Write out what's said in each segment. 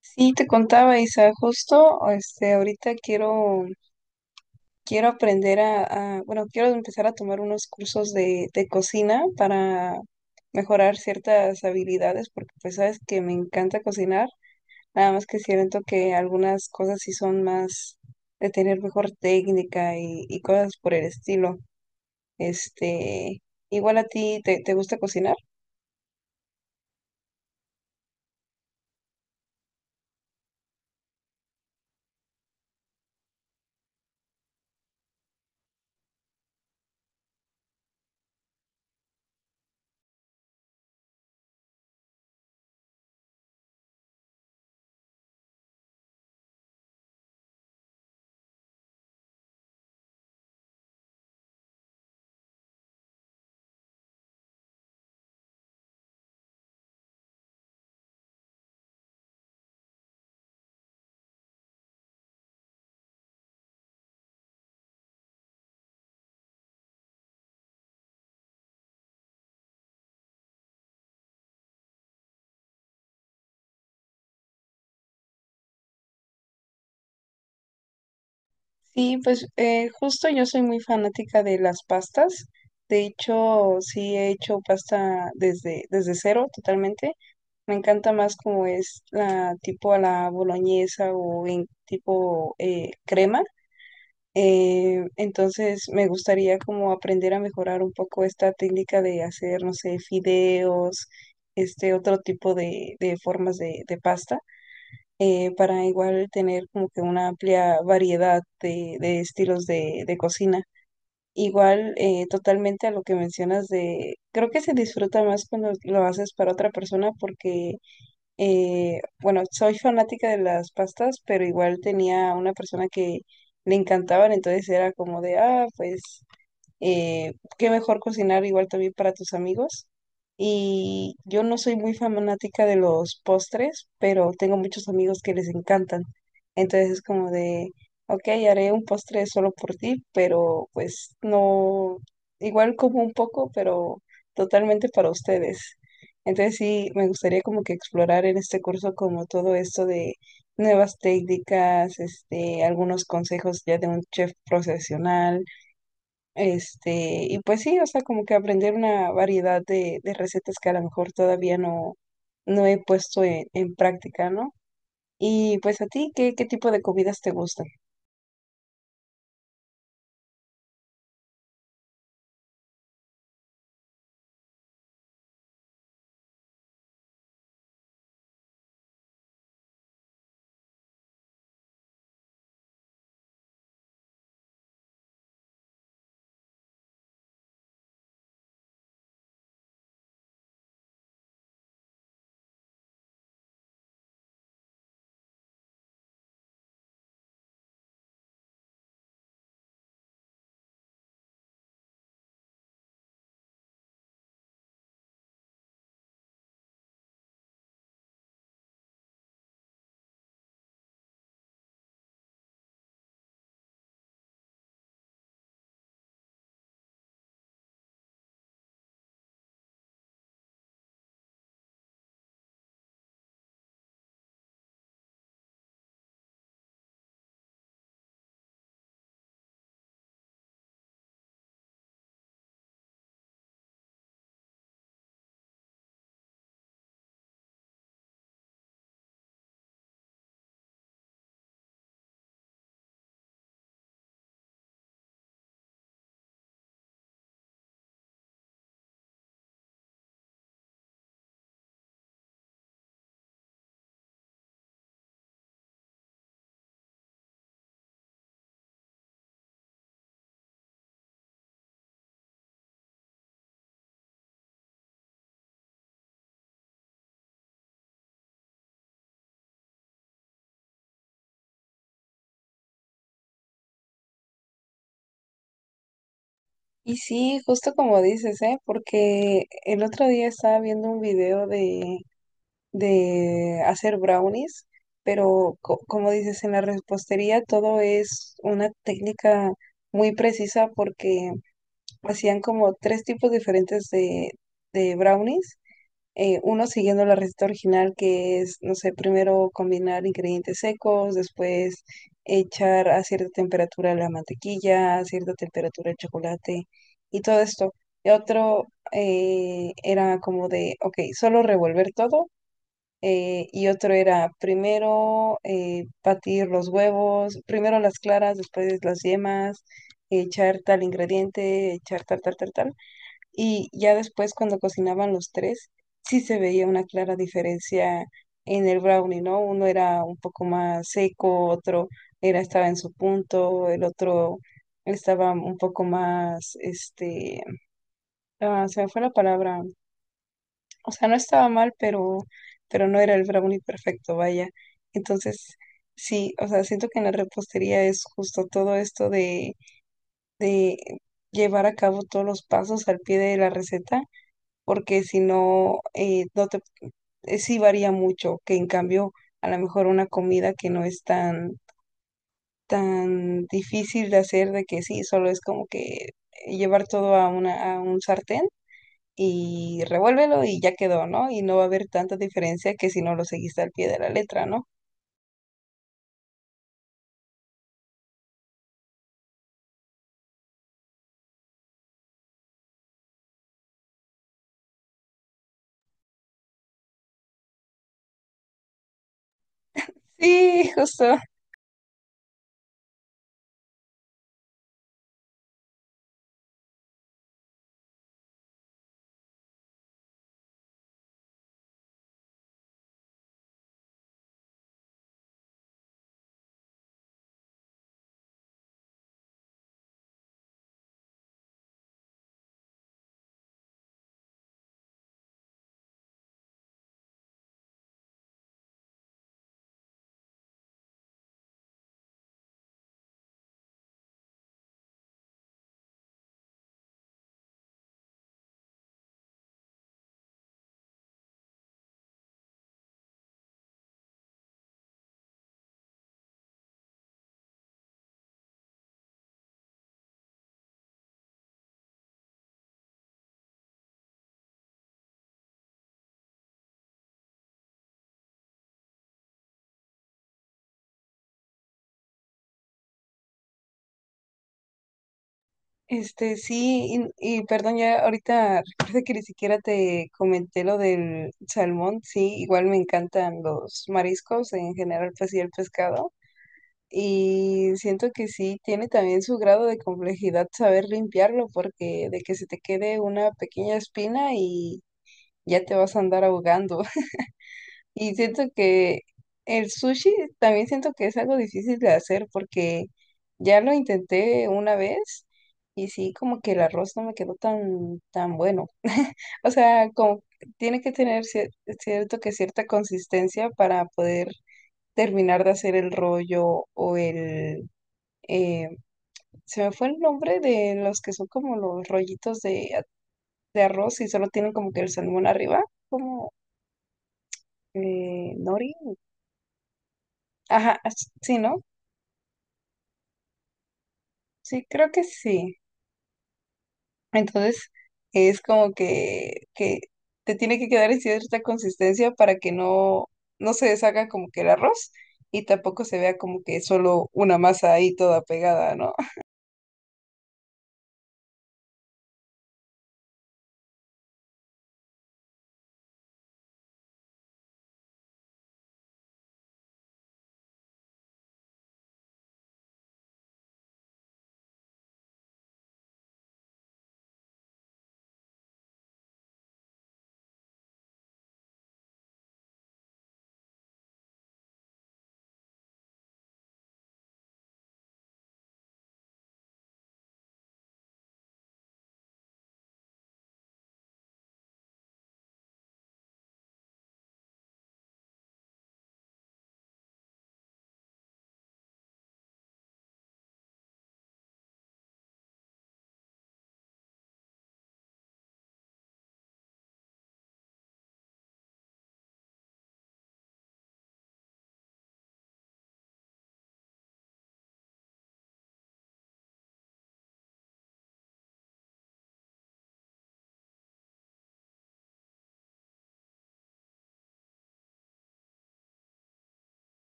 Sí, te contaba, Isa, justo, ahorita quiero aprender bueno, quiero empezar a tomar unos cursos de cocina para mejorar ciertas habilidades, porque pues sabes que me encanta cocinar, nada más que siento que algunas cosas sí son más de tener mejor técnica y cosas por el estilo. Este, igual a ti, te gusta cocinar? Sí, pues justo yo soy muy fanática de las pastas. De hecho, sí he hecho pasta desde cero totalmente. Me encanta más como es la tipo a la boloñesa o en tipo crema. Entonces me gustaría como aprender a mejorar un poco esta técnica de hacer, no sé, fideos, este otro tipo de formas de pasta para igual tener como que una amplia variedad de estilos de cocina. Igual, totalmente a lo que mencionas de, creo que se disfruta más cuando lo haces para otra persona porque, bueno, soy fanática de las pastas, pero igual tenía una persona que le encantaban, entonces era como de, ah, pues qué mejor cocinar igual también para tus amigos. Y yo no soy muy fanática de los postres, pero tengo muchos amigos que les encantan. Entonces es como de, ok, haré un postre solo por ti, pero pues no, igual como un poco, pero totalmente para ustedes. Entonces sí, me gustaría como que explorar en este curso como todo esto de nuevas técnicas, algunos consejos ya de un chef profesional y pues sí, o sea, como que aprender una variedad de recetas que a lo mejor todavía no he puesto en práctica, ¿no? Y pues a ti, qué tipo de comidas te gustan? Y sí, justo como dices, ¿eh? Porque el otro día estaba viendo un video de hacer brownies, pero como dices, en la repostería todo es una técnica muy precisa porque hacían como tres tipos diferentes de brownies uno siguiendo la receta original, que es, no sé, primero combinar ingredientes secos, después echar a cierta temperatura la mantequilla, a cierta temperatura el chocolate y todo esto. Y otro era como de, ok, solo revolver todo. Y otro era primero batir los huevos, primero las claras, después las yemas, echar tal ingrediente, echar tal, tal, tal, tal. Y ya después, cuando cocinaban los tres, sí se veía una clara diferencia en el brownie, ¿no? Uno era un poco más seco, otro era, estaba en su punto, el otro estaba un poco más, se me fue la palabra. O sea, no estaba mal, pero no era el brownie perfecto, vaya. Entonces, sí, o sea, siento que en la repostería es justo todo esto de llevar a cabo todos los pasos al pie de la receta porque si no, sí varía mucho, que en cambio a lo mejor una comida que no es tan difícil de hacer, de que sí, solo es como que llevar todo a a un sartén y revuélvelo y ya quedó, ¿no? Y no va a haber tanta diferencia que si no lo seguiste al pie de la letra, ¿no? Sí, justo. Sí, y perdón, ya ahorita recuerda que ni siquiera te comenté lo del salmón, sí, igual me encantan los mariscos en general, pues sí, el pescado, y siento que sí, tiene también su grado de complejidad saber limpiarlo, porque de que se te quede una pequeña espina y ya te vas a andar ahogando. Y siento que el sushi también siento que es algo difícil de hacer porque ya lo intenté una vez y sí, como que el arroz no me quedó tan bueno. O sea, como tiene que tener cier- cierto que cierta consistencia para poder terminar de hacer el rollo eh, se me fue el nombre de los que son como los rollitos de arroz y solo tienen como que el salmón arriba, como nori. Ajá, sí, ¿no? Sí, creo que sí. Entonces, es como que te tiene que quedar en cierta consistencia para que no se deshaga como que el arroz y tampoco se vea como que solo una masa ahí toda pegada, ¿no?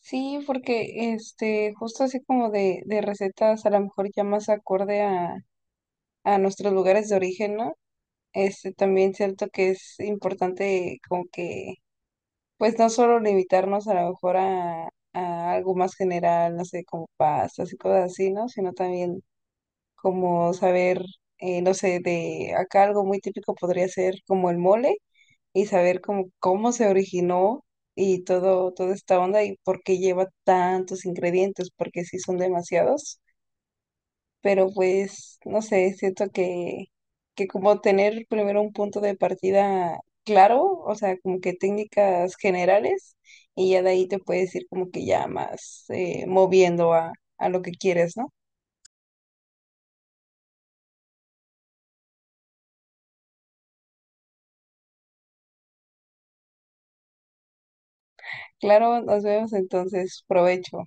Sí, porque justo así como de recetas, a lo mejor ya más acorde a nuestros lugares de origen, ¿no? También siento que es importante como que pues no solo limitarnos a lo mejor a algo más general, no sé, como pastas y cosas así, ¿no? Sino también como saber, no sé, de acá algo muy típico podría ser como el mole y saber cómo se originó y todo, toda esta onda y por qué lleva tantos ingredientes, porque sí son demasiados pero pues, no sé, siento que como tener primero un punto de partida claro, o sea, como que técnicas generales, y ya de ahí te puedes ir como que ya más moviendo a lo que quieres, ¿no? Claro, nos vemos entonces, provecho.